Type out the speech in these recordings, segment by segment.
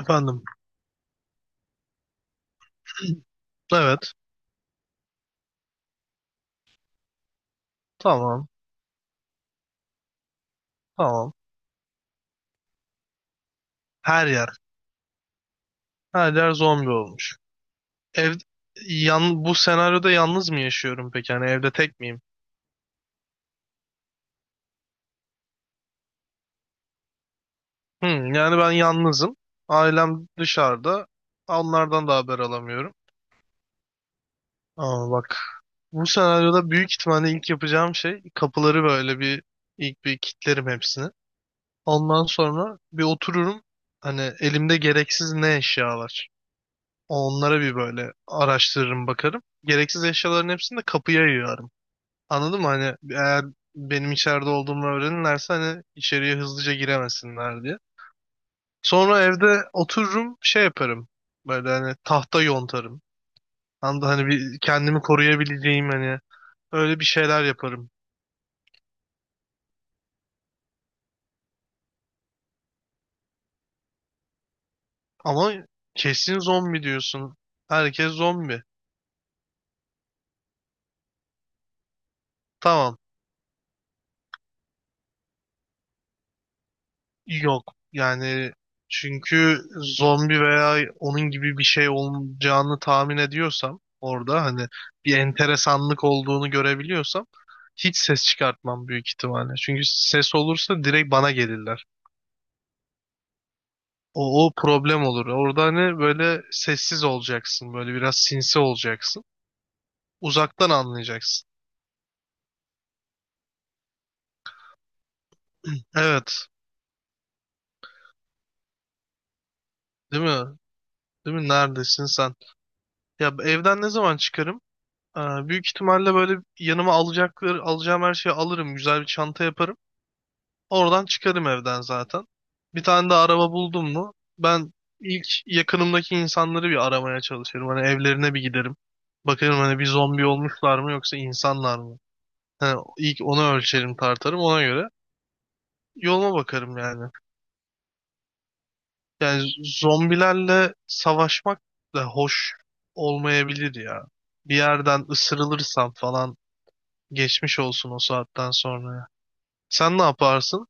Efendim. Evet. Tamam. Tamam. Her yer. Her yer zombi olmuş. Ev yan bu senaryoda yalnız mı yaşıyorum peki? Yani evde tek miyim? Hmm, yani ben yalnızım. Ailem dışarıda. Onlardan da haber alamıyorum. Ama bak bu senaryoda büyük ihtimalle ilk yapacağım şey kapıları böyle bir ilk kilitlerim hepsini. Ondan sonra bir otururum. Hani elimde gereksiz ne eşya var. Onlara bir böyle araştırırım bakarım. Gereksiz eşyaların hepsini de kapıya yığarım. Anladın mı? Hani eğer benim içeride olduğumu öğrenirlerse hani içeriye hızlıca giremesinler diye. Sonra evde otururum şey yaparım. Böyle hani tahta yontarım. Anladın hani bir kendimi koruyabileceğim hani öyle bir şeyler yaparım. Ama kesin zombi diyorsun. Herkes zombi. Tamam. Yok yani çünkü zombi veya onun gibi bir şey olacağını tahmin ediyorsam orada hani bir enteresanlık olduğunu görebiliyorsam hiç ses çıkartmam büyük ihtimalle. Çünkü ses olursa direkt bana gelirler. O problem olur. Orada hani böyle sessiz olacaksın. Böyle biraz sinsi olacaksın. Uzaktan anlayacaksın. Evet. Değil mi? Değil mi? Neredesin sen? Ya evden ne zaman çıkarım? Ee, Büyük ihtimalle böyle yanıma alacakları, alacağım her şeyi alırım. Güzel bir çanta yaparım. Oradan çıkarım evden zaten. Bir tane de araba buldum mu ben ilk yakınımdaki insanları bir aramaya çalışırım. Hani evlerine bir giderim. Bakarım hani bir zombi olmuşlar mı yoksa insanlar mı? Hani ilk onu ölçerim tartarım ona göre. Yoluma bakarım yani. Yani zombilerle savaşmak da hoş olmayabilir ya. Bir yerden ısırılırsam falan geçmiş olsun o saatten sonra. Sen ne yaparsın?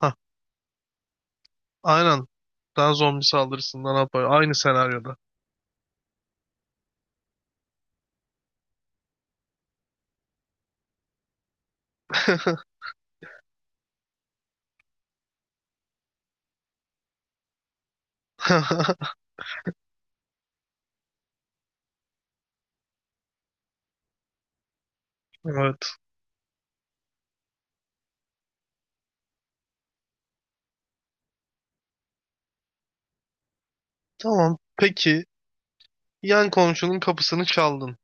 Hah, aynen. Daha zombi saldırısından ne yapar. Aynı senaryoda. Evet. Tamam. Peki. Yan komşunun kapısını çaldın.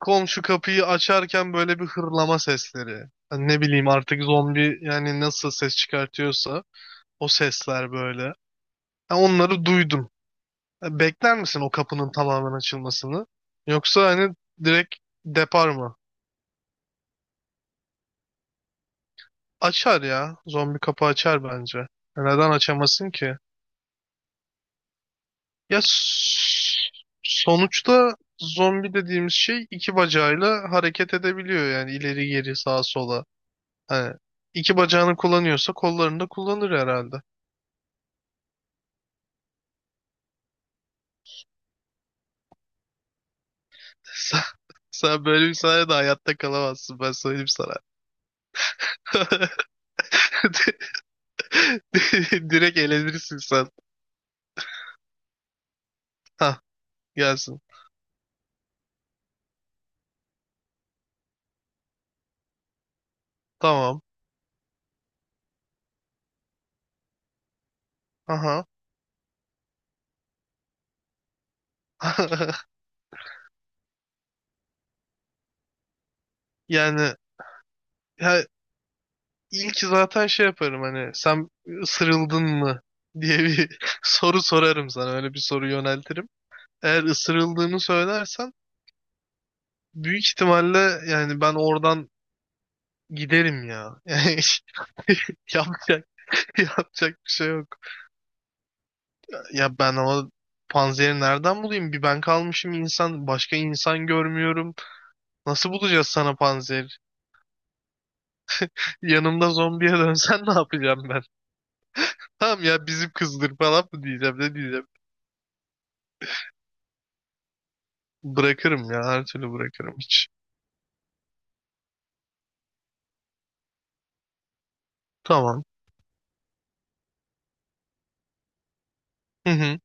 Komşu kapıyı açarken böyle bir hırlama sesleri. Hani ne bileyim artık zombi yani nasıl ses çıkartıyorsa o sesler böyle. Ha, onları duydun. Ha, bekler misin o kapının tamamen açılmasını? Yoksa hani direkt depar mı? Açar ya. Zombi kapı açar bence. Ya neden açamasın ki? Ya s- Sonuçta zombi dediğimiz şey iki bacağıyla hareket edebiliyor yani ileri geri sağa sola. Hani iki bacağını kullanıyorsa kollarını da kullanır herhalde. Sen, sen böyle bir sayede hayatta kalamazsın ben söyleyeyim sana. Direkt elenirsin sen. Hah gelsin. Tamam. Aha. Yani ya İlk zaten şey yaparım hani sen ısırıldın mı diye bir soru sorarım sana öyle bir soru yöneltirim. Eğer ısırıldığını söylersen büyük ihtimalle yani ben oradan giderim ya. Yani yapacak yapacak bir şey yok. Ya ben o panzehiri nereden bulayım? Bir ben kalmışım insan başka insan görmüyorum. Nasıl bulacağız sana panzer? Yanımda zombiye dönsen ne yapacağım ben? Tamam ya bizim kızdır falan mı diyeceğim ne diyeceğim? Bırakırım ya her türlü bırakırım hiç. Tamam. Hı hı.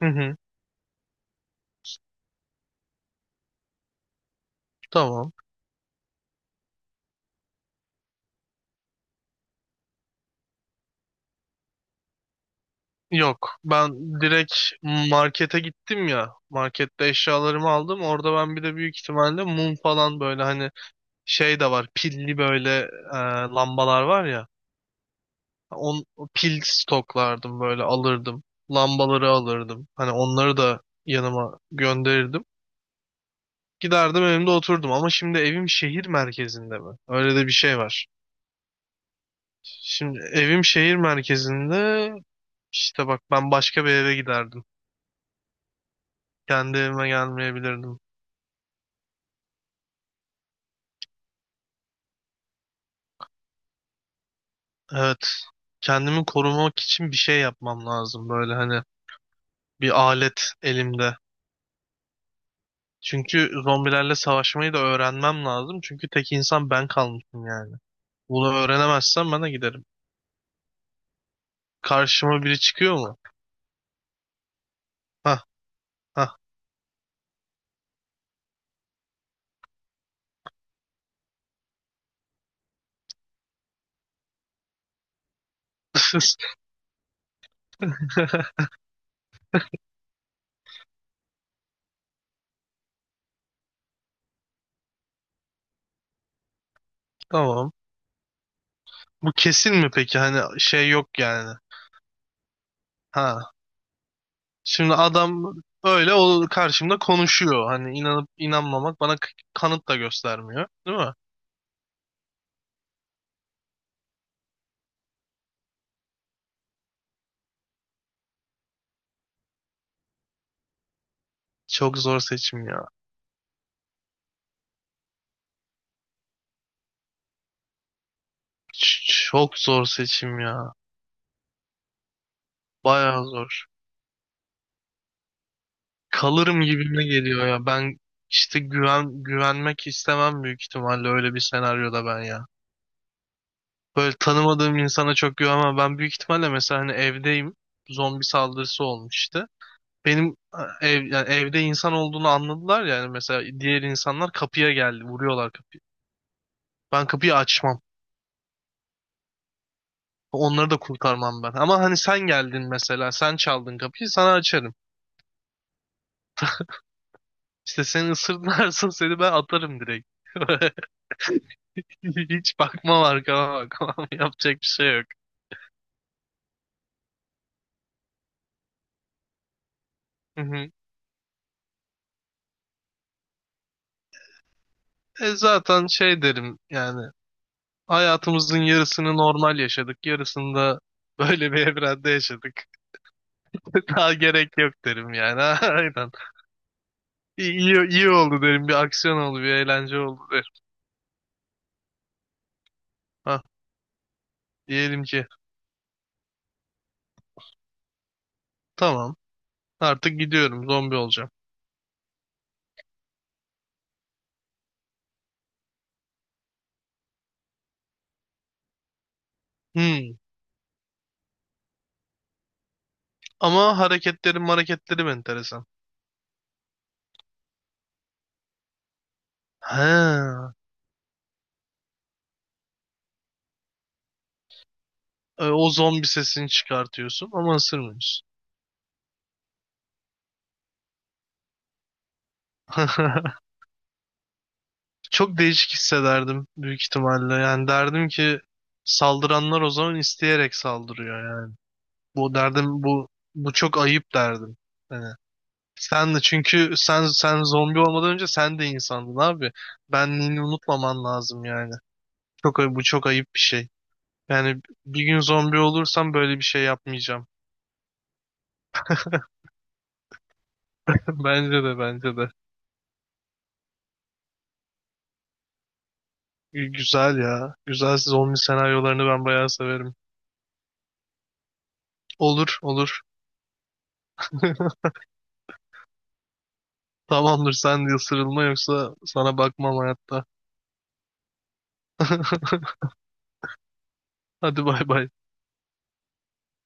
Hı hı. Tamam. Yok. Ben direkt markete gittim ya. Markette eşyalarımı aldım. Orada ben bir de büyük ihtimalle mum falan böyle hani şey de var. Pilli böyle e, lambalar var ya. On, pil stoklardım böyle alırdım. Lambaları alırdım. Hani onları da yanıma gönderirdim. Giderdim evimde oturdum ama şimdi evim şehir merkezinde mi? Öyle de bir şey var. Şimdi evim şehir merkezinde. İşte bak ben başka bir eve giderdim. Kendi evime gelmeyebilirdim. Evet. Kendimi korumak için bir şey yapmam lazım. Böyle hani bir alet elimde. Çünkü zombilerle savaşmayı da öğrenmem lazım. Çünkü tek insan ben kalmışım yani. Bunu öğrenemezsem ben de giderim. Karşıma biri çıkıyor mu? Hah hah. Tamam. Bu kesin mi peki? Hani şey yok yani. Ha, şimdi adam öyle o karşımda konuşuyor. Hani inanıp inanmamak bana kanıt da göstermiyor. Değil mi? Çok zor seçim ya. Ç- çok zor seçim ya. Bayağı zor. Kalırım gibime geliyor ya. Ben işte güvenmek istemem büyük ihtimalle öyle bir senaryoda ben ya. Böyle tanımadığım insana çok güvenmem. Ben büyük ihtimalle mesela hani evdeyim. Zombi saldırısı olmuş işte. Benim yani evde insan olduğunu anladılar yani mesela diğer insanlar kapıya geldi vuruyorlar kapıyı. Ben kapıyı açmam. Onları da kurtarmam ben. Ama hani sen geldin mesela. Sen çaldın kapıyı. Sana açarım. İşte seni ısırırlarsa seni ben atarım direkt. Hiç bakmam arkama bakmam. Yapacak bir şey yok. Hı hı. E zaten şey derim yani hayatımızın yarısını normal yaşadık. Yarısını da böyle bir evrende yaşadık. Daha gerek yok derim yani. Aynen. İyi, iyi, iyi oldu derim. Bir aksiyon oldu, bir eğlence oldu derim. Ha, diyelim ki tamam artık gidiyorum zombi olacağım. Hmm. Ama hareketleri hareketleri enteresan. Ha. E, o zombi sesini çıkartıyorsun ama ısırmıyorsun. Çok değişik hissederdim büyük ihtimalle. Yani derdim ki saldıranlar o zaman isteyerek saldırıyor yani. Bu derdim, bu çok ayıp derdim. Hani sen de çünkü sen zombi olmadan önce sen de insandın abi. Benliğini unutmaman lazım yani. Bu çok ayıp bir şey. Yani bir gün zombi olursam böyle bir şey yapmayacağım. Bence de bence de. Gü- güzel ya. Güzel zombi senaryolarını ben bayağı severim. Olur olur. Tamamdır sen de ısırılma yoksa sana bakmam hayatta. Hadi bay bay.